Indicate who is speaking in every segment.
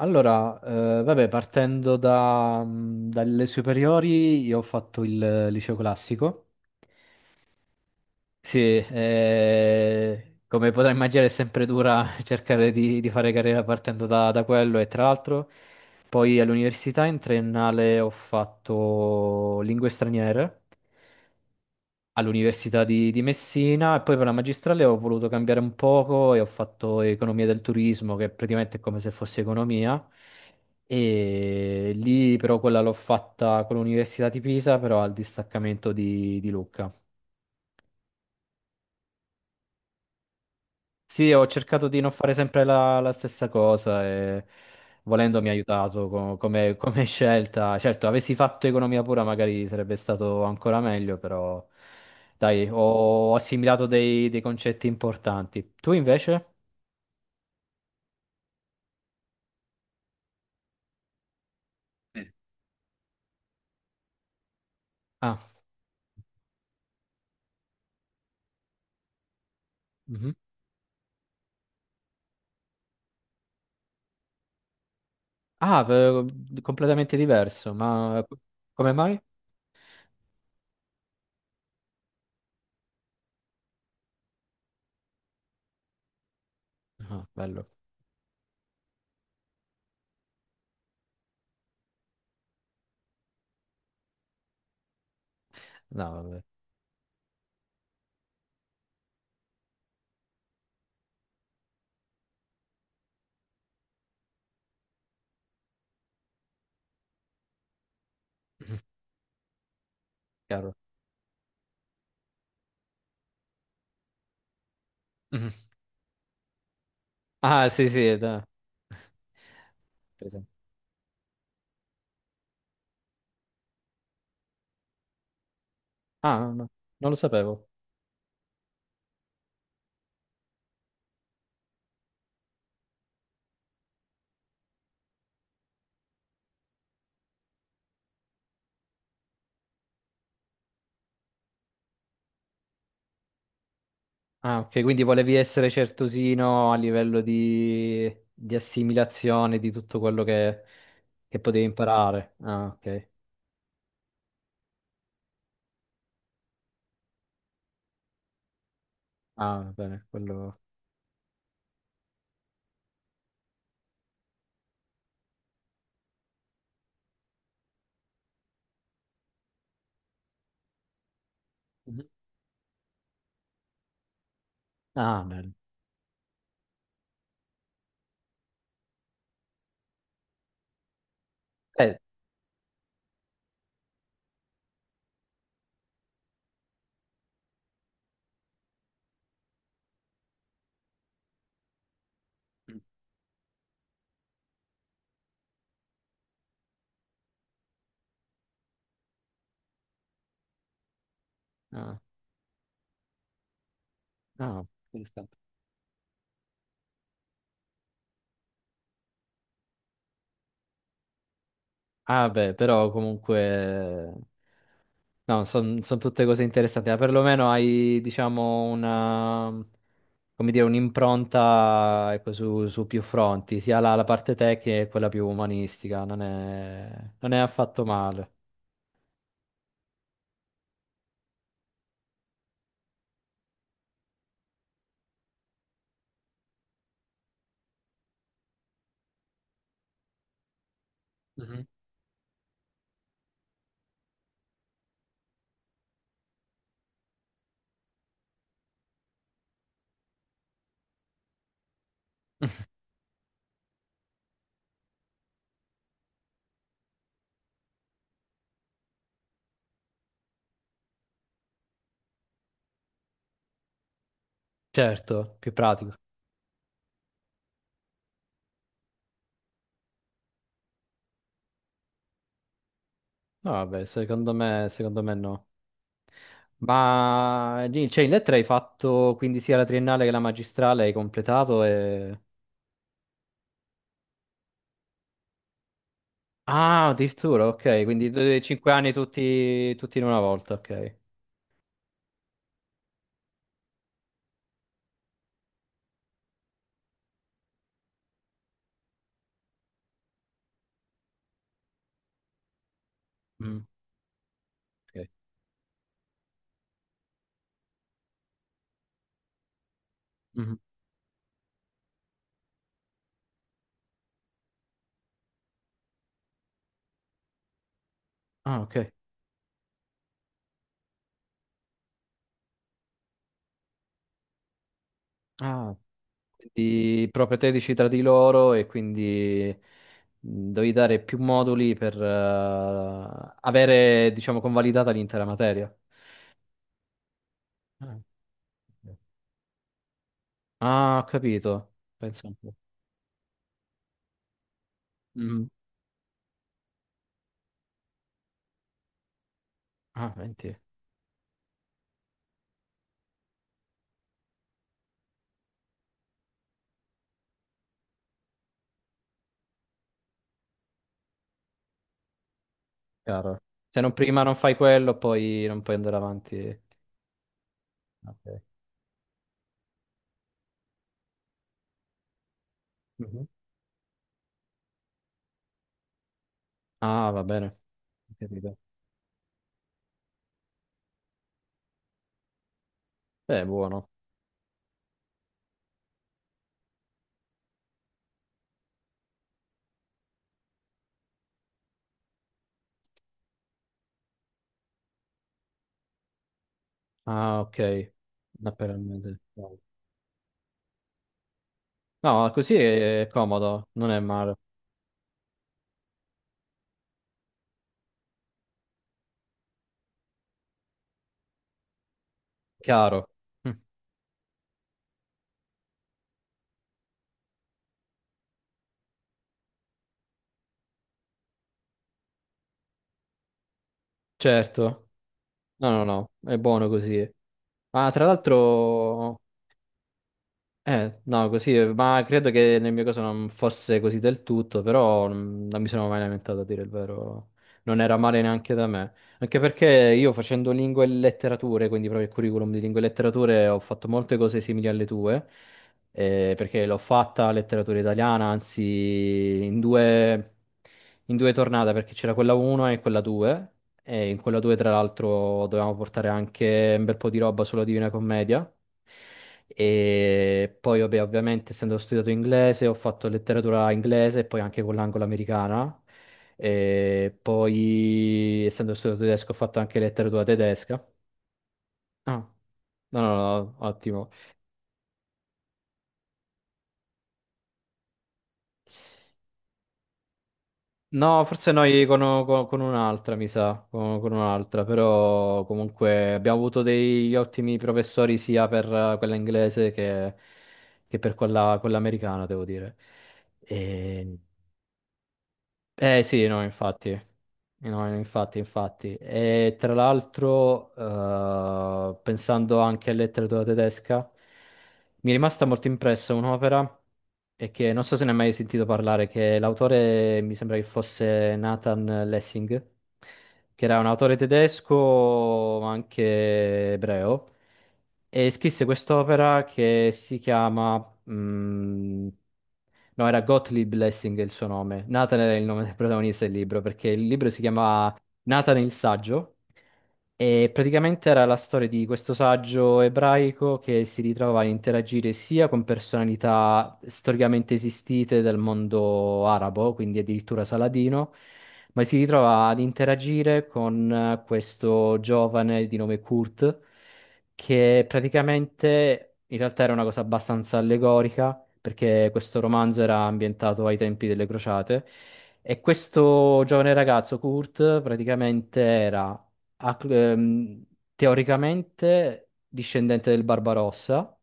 Speaker 1: Partendo dalle superiori, io ho fatto il liceo classico. Sì, come potrai immaginare è sempre dura cercare di fare carriera partendo da quello e tra l'altro poi all'università in triennale ho fatto lingue straniere all'Università di Messina e poi per la magistrale ho voluto cambiare un poco e ho fatto economia del turismo, che praticamente è come se fosse economia. E lì però quella l'ho fatta con l'Università di Pisa, però al distaccamento di Lucca. Sì, ho cercato di non fare sempre la stessa cosa e volendo mi ha aiutato come scelta. Certo, avessi fatto economia pura magari sarebbe stato ancora meglio, però dai, ho assimilato dei concetti importanti. Tu invece? Sì. Ah, mhm. Ah, completamente diverso, ma come mai? Ah, bello. No, vabbè, chiaro. Mhm. Ah, sì, sì, dai. Presente. Ah, no, non lo sapevo. Ah, ok, quindi volevi essere certosino a livello di assimilazione di tutto quello che potevi imparare. Ah, ok. Ah, va bene, quello... Mhm. Ah, bene. Eh, Mm. Ah, ah. Interessante. Ah, beh, però comunque... No, sono tutte cose interessanti, ma perlomeno hai, diciamo, una... come dire, un'impronta, ecco, su più fronti, sia la parte tecnica che quella più umanistica. Non è affatto male. Mhm. Certo, più pratico. No, vabbè, secondo me no. Ma cioè, in lettera hai fatto quindi sia la triennale che la magistrale, hai completato e... Ah, addirittura, ok, quindi cinque anni tutti, tutti in una volta, ok. Mm, ok. Mhm. Ah, ok. Ah, quindi proprio 13 tra di loro e quindi devi dare più moduli per avere, diciamo, convalidata l'intera materia. Ah, ok. Ah, ho capito. Pensa un po'. Mm. Ah, 20. Chiaro. Se non prima non fai quello, poi non puoi andare avanti. Ok. Mhm. Ah, va bene. Ho capito. Beh, buono. Ah, ok. Naturalmente. No, così è comodo, non è male. Chiaro. Mm. Certo. No, no, no, è buono così. Ah, tra l'altro eh, no, così, ma credo che nel mio caso non fosse così del tutto, però non mi sono mai lamentato a dire il vero. Non era male neanche da me. Anche perché io facendo lingue e letterature, quindi proprio il curriculum di lingue e letterature, ho fatto molte cose simili alle tue, perché l'ho fatta letteratura italiana, anzi in due, in due tornate, perché c'era quella 1 e quella 2, e in quella 2 tra l'altro dovevamo portare anche un bel po' di roba sulla Divina Commedia. E poi, vabbè, ovviamente, essendo studiato inglese, ho fatto letteratura inglese e poi anche con l'anglo-americana. E poi, essendo studiato tedesco, ho fatto anche letteratura tedesca. Ah, no, no, no, ottimo. No, forse noi con, con un'altra, mi sa, con un'altra, però comunque abbiamo avuto degli ottimi professori sia per quella inglese che per quella americana, devo dire. E... Eh sì, no, infatti. No, infatti, infatti. E tra l'altro, pensando anche a letteratura tedesca, mi è rimasta molto impressa un'opera e che non so se ne hai mai sentito parlare, che l'autore mi sembra che fosse Nathan Lessing, che era un autore tedesco, ma anche ebreo, e scrisse quest'opera che si chiama, no, era Gottlieb Lessing il suo nome. Nathan era il nome del protagonista del libro, perché il libro si chiamava Nathan il saggio. E praticamente era la storia di questo saggio ebraico che si ritrova a interagire sia con personalità storicamente esistite del mondo arabo, quindi addirittura Saladino, ma si ritrova ad interagire con questo giovane di nome Kurt, che praticamente in realtà era una cosa abbastanza allegorica perché questo romanzo era ambientato ai tempi delle crociate. E questo giovane ragazzo, Kurt, praticamente era a- ehm, teoricamente discendente del Barbarossa,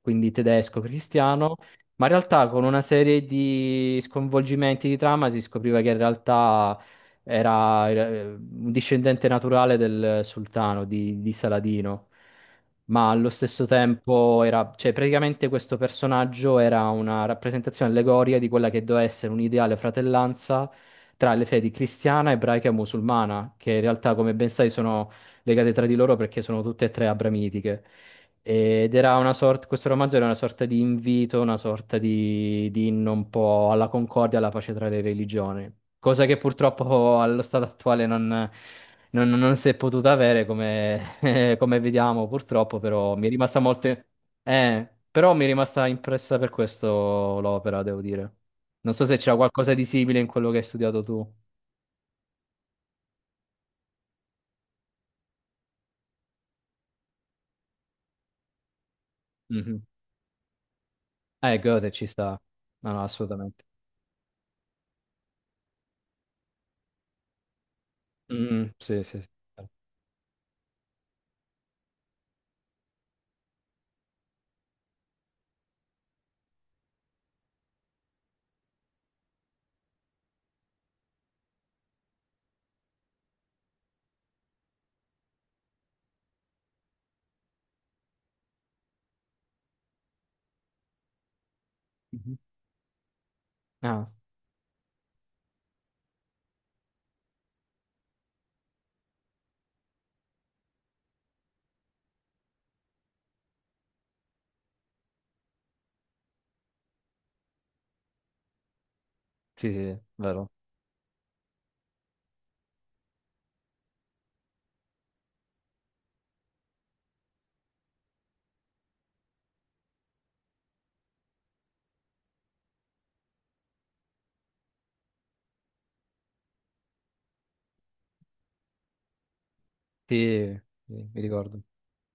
Speaker 1: quindi tedesco cristiano, ma in realtà con una serie di sconvolgimenti di trama si scopriva che in realtà era un discendente naturale del sultano di Saladino ma allo stesso tempo era, cioè praticamente questo personaggio era una rappresentazione allegoria di quella che doveva essere un'ideale fratellanza tra le fedi cristiana, ebraica e musulmana, che in realtà, come ben sai, sono legate tra di loro perché sono tutte e tre abramitiche. Ed era una sorta, questo romanzo era una sorta di invito, una sorta di inno un po' alla concordia, alla pace tra le religioni, cosa che purtroppo allo stato attuale non, non si è potuta avere, come come vediamo, purtroppo, però mi è rimasta molte... però mi è rimasta impressa per questo l'opera, devo dire. Non so se c'era qualcosa di simile in quello che hai studiato tu. Mhm. Goethe ci sta. No, no, assolutamente. Mm, sì, sì, sì. Mhm. Ah, sì, sì, sì, vero. Sì, sì, mi ricordo.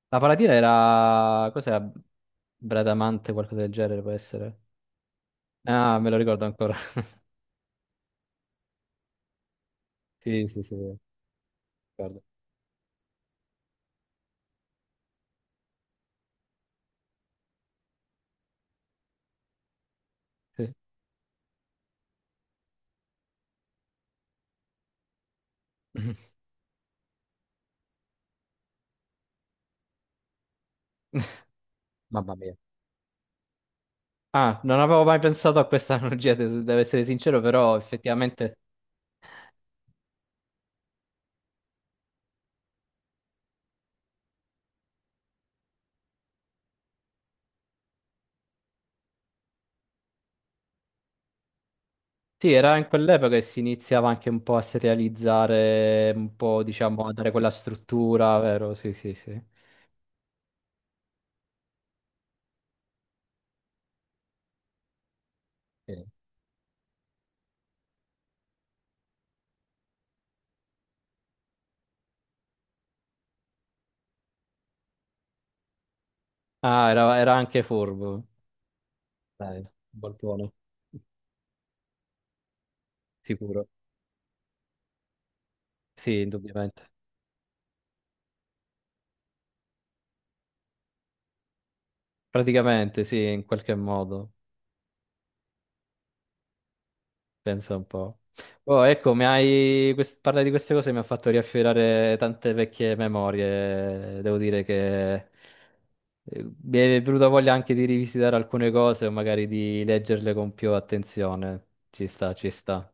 Speaker 1: La Palatina era... Cos'era? Bradamante, qualcosa del genere, può essere? Ah, me lo ricordo ancora. Sì, sì, sì, ricordo. Sì. Mamma mia. Ah, non avevo mai pensato a questa analogia, devo essere sincero, però effettivamente sì, era in quell'epoca che si iniziava anche un po' a serializzare, un po', diciamo, a dare quella struttura, vero? Sì, sì, sì. Sì. Ah, era, era anche furbo. Dai, balcone, sicuro. Sì, indubbiamente. Praticamente, sì, in qualche modo. Pensa un po'. Oh, ecco, mi hai... parlare di queste cose mi ha fatto riaffiorare tante vecchie memorie. Devo dire che mi è venuta voglia anche di rivisitare alcune cose o magari di leggerle con più attenzione. Ci sta, ci sta.